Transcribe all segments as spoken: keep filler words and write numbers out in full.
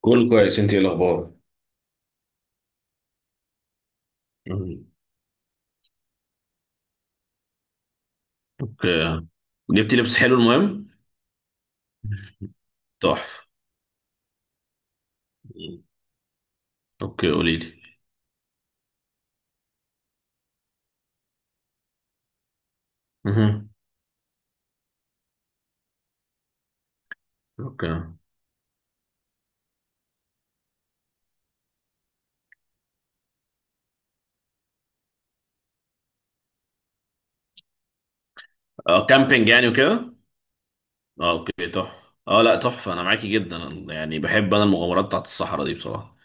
كله كويس، انت ايه الاخبار؟ مم. اوكي. جبتي لبس حلو؟ المهم، تحفة. مم. اوكي، قولي لي. مهم. اوكي. اه كامبينج يعني وكده. اه اوكي، تحفة. اه لا، تحفة. انا معاكي جدا. أنا- يعني بحب انا المغامرات بتاعت الصحراء دي بصراحة.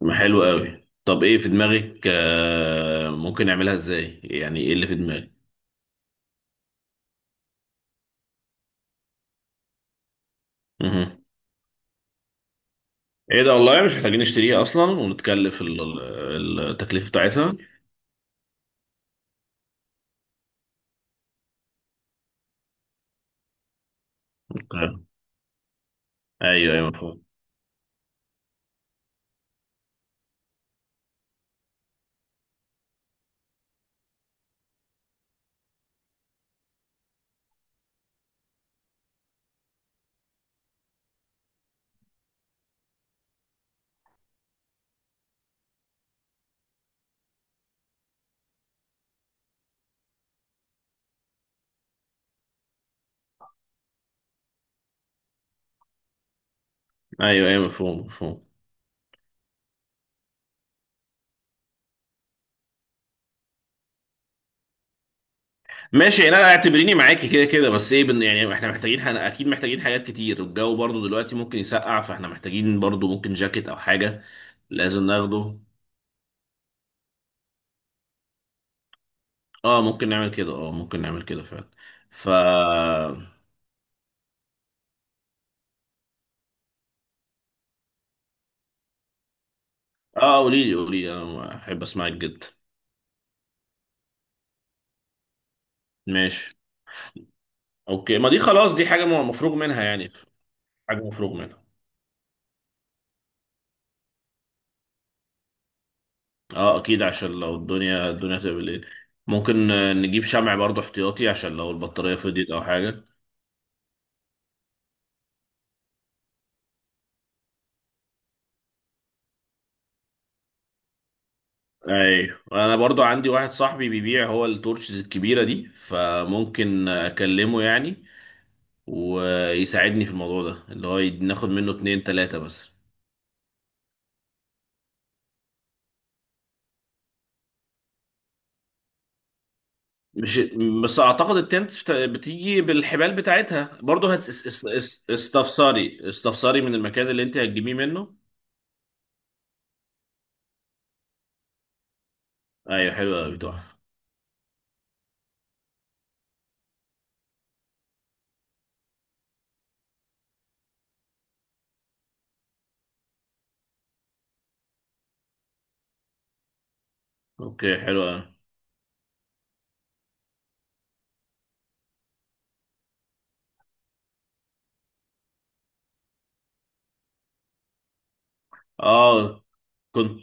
ما حلو قوي. طب ايه في دماغك؟ آه ممكن نعملها ازاي يعني؟ ايه اللي في دماغك؟ مهم. ايه ده؟ والله مش محتاجين نشتريها اصلا ونتكلف ال- ال- التكلفة بتاعتها. اوكي. ايوه ايوه مفهوم. ايوه ايوه مفهوم مفهوم. ماشي، يعني انا اعتبريني معاكي كده كده. بس ايه؟ بن يعني احنا محتاجين، حنا اكيد محتاجين حاجات كتير. الجو برضو دلوقتي ممكن يسقع، فاحنا محتاجين برضو، ممكن جاكيت او حاجة. لازم ناخده. اه ممكن نعمل كده، اه ممكن نعمل كده فعلا. ف اه قولي لي، قولي لي، انا احب اسمعك جدا. ماشي. اوكي، ما دي خلاص، دي حاجة م- مفروغ منها يعني. حاجة مفروغ منها. اه اكيد، عشان لو الدنيا الدنيا تبقى بالليل. ممكن آه، نجيب شمع برضو احتياطي عشان لو البطارية فضيت او حاجة. ايوه، انا برضو عندي واحد صاحبي بيبيع هو التورشز الكبيره دي، فممكن اكلمه يعني ويساعدني في الموضوع ده، اللي هو يد- ناخد منه اتنين تلاته بس. مش بس اعتقد التنت بت- بتيجي بالحبال بتاعتها برضو. هت... اس- اس- اس- استفساري استفساري من المكان اللي انت هتجيبيه منه. ايوه حلو قوي تحفه. اوكي حلو أوي. اه كنت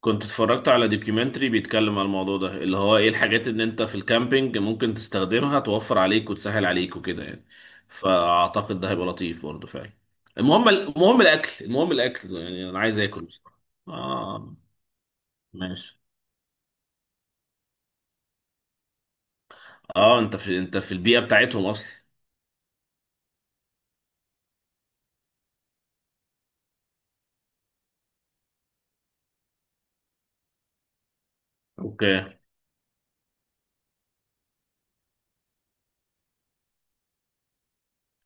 كنت اتفرجت على دوكيومنتري بيتكلم على الموضوع ده، اللي هو ايه الحاجات ان انت في الكامبينج ممكن تستخدمها، توفر عليك وتسهل عليك وكده يعني. فاعتقد ده هيبقى لطيف برضه فعلا. المهم، المهم الاكل، المهم الاكل يعني. انا عايز اكل بصراحه. اه ماشي. اه انت في انت في البيئه بتاعتهم اصلا. اوكي.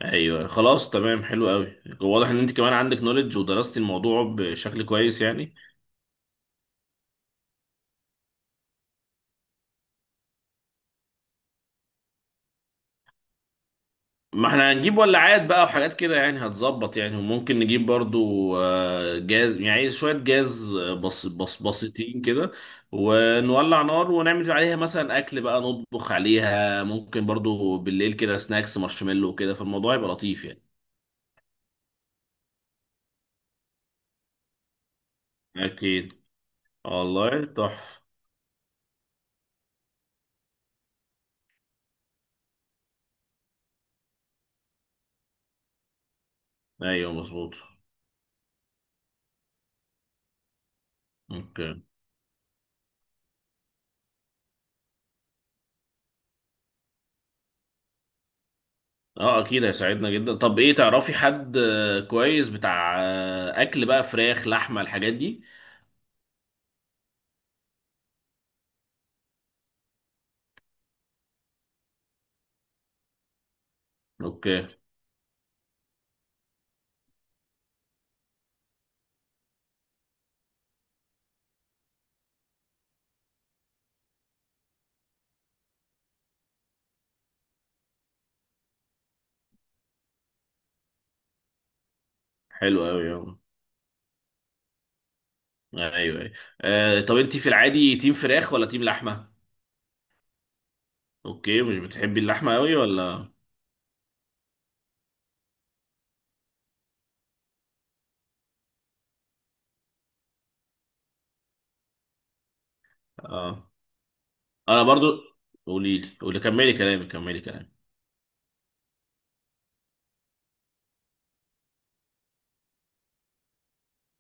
ايوه خلاص تمام، حلو قوي. واضح ان انت كمان عندك نوليدج ودرستي الموضوع بشكل كويس يعني. ما احنا هنجيب ولاعات بقى وحاجات كده يعني هتظبط يعني. وممكن نجيب برضو آه، جاز، يعني شوية جاز، آه، بس بس بسيطين كده. ونولع نار ونعمل عليها مثلا أكل بقى، نطبخ عليها. ممكن برضو بالليل كده سناكس مارشميلو وكده، فالموضوع يبقى لطيف يعني. أكيد. والله تحفة. أيوه مظبوط. اوكي. اه اكيد هيساعدنا جدا. طب ايه، تعرفي حد آه، كويس بتاع آه، اكل بقى، فراخ لحمه الحاجات دي؟ اوكي حلو قوي. ايوه ايوه. آه طب انت في العادي تيم فراخ ولا تيم لحمه؟ اوكي، مش بتحبي اللحمه قوي ولا؟ اه انا برضو. قولي لي، قولي، كملي كلامي، كملي كلامي.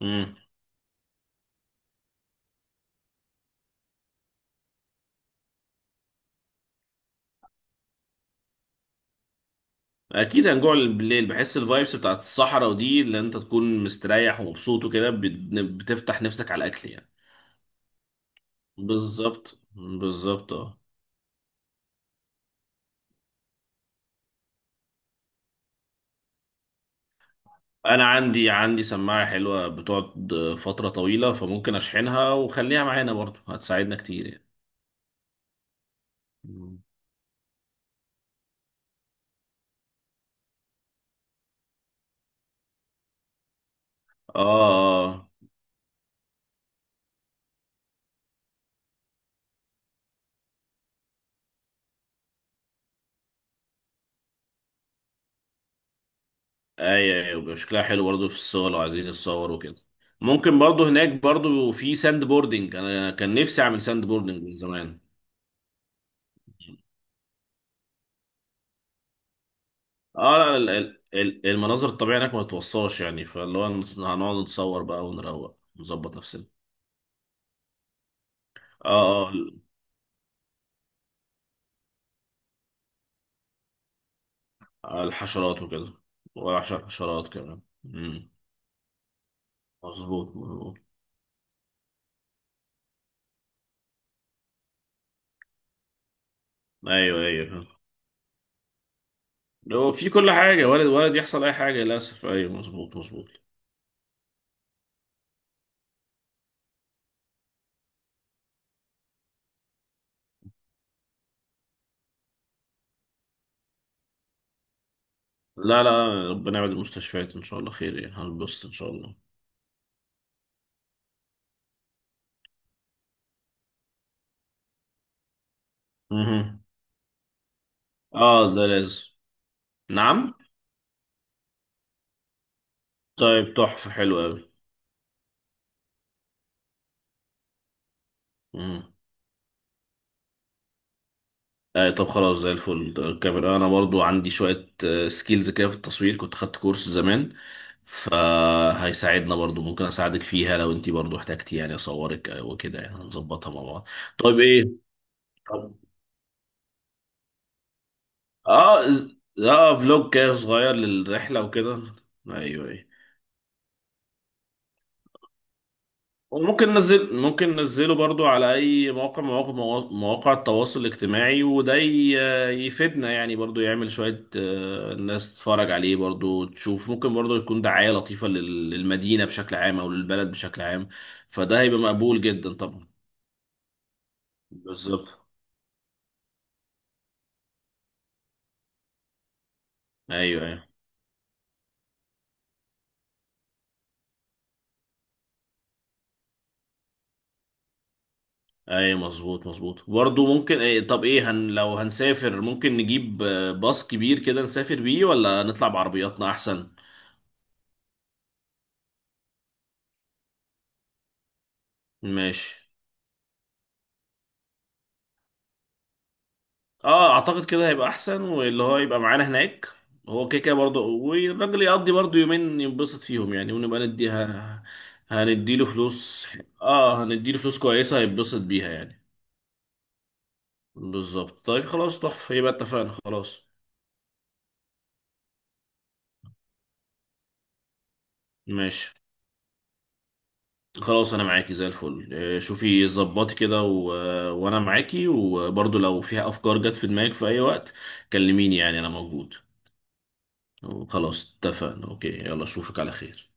امم. اكيد هنجوع بالليل، بحس الفايبس بتاعت الصحراء ودي، اللي انت تكون مستريح ومبسوط وكده، بت- بتفتح نفسك على الاكل يعني. بالظبط بالظبط اه. انا عندي عندي سماعه حلوه، بتقعد فتره طويله، فممكن اشحنها وخليها معانا برضو، هتساعدنا كتير يعني. مم. اه ايوه، ايوه بيبقى شكلها حلو برضه في الصور لو عايزين نتصور وكده. ممكن برضه هناك برضه في ساند بوردنج، انا كان نفسي اعمل ساند بوردنج من زمان. اه لا، ال- ال- ال- المناظر الطبيعية هناك ما تتوصاش يعني. فاللي هو هنقعد نتصور بقى ونروق، نظبط نفسنا. اه. اه الحشرات وكده. وعشر حشرات كمان. مم. مظبوط مظبوط. ايوه ايوه، لو في كل حاجة ولد ولد يحصل اي حاجة للاسف. ايوه مظبوط مظبوط. لا لا، ربنا يبعد المستشفيات، ان شاء الله خير، يعني هنبسط ان شاء الله. مهم. اه ده لازم. نعم. طيب تحفة، حلو قوي. مهم. آه طب خلاص زي الفل. ده الكاميرا انا برضو عندي شوية سكيلز كده في التصوير، كنت خدت كورس زمان. فهيساعدنا برضو. ممكن اساعدك فيها لو انتي برضو احتاجتي، يعني اصورك آه، وكده، يعني هنظبطها مع بعض. طيب ايه؟ طب اه ز- اه فلوج كده صغير للرحلة وكده. ايوه ايوه. وممكن ننزل، ممكن ننزله برضو على اي موقع، مواقع مواقع التواصل الاجتماعي، وده ي- يفيدنا يعني برضو. يعمل شوية آه، الناس تتفرج عليه برضو، تشوف ممكن برضو يكون دعاية لطيفة لل- للمدينة بشكل عام، او للبلد بشكل عام. فده هيبقى مقبول جدا طبعا. بالظبط. ايوه ايوه. ايوه مظبوط مظبوط برضو. ممكن إيه؟ طب ايه، هن لو هنسافر ممكن نجيب آه، باص كبير كده نسافر بيه، ولا نطلع بعربياتنا احسن؟ ماشي. اه اعتقد كده هيبقى احسن، واللي هو يبقى معانا هناك هو كده كده برضه، والراجل يقضي برضه يومين ينبسط فيهم يعني، ونبقى نديها. هنديله فلوس. اه هنديله فلوس كويسة، هيتبسط بيها يعني. بالظبط. طيب خلاص تحفة، يبقى اتفقنا خلاص. ماشي. خلاص انا معاكي زي الفل. آه، شوفي ظبطي كده و... وانا معاكي، وبرضه لو فيها افكار جت في دماغك في اي وقت كلميني، يعني انا موجود. خلاص اتفقنا. اوكي يلا، اشوفك على خير.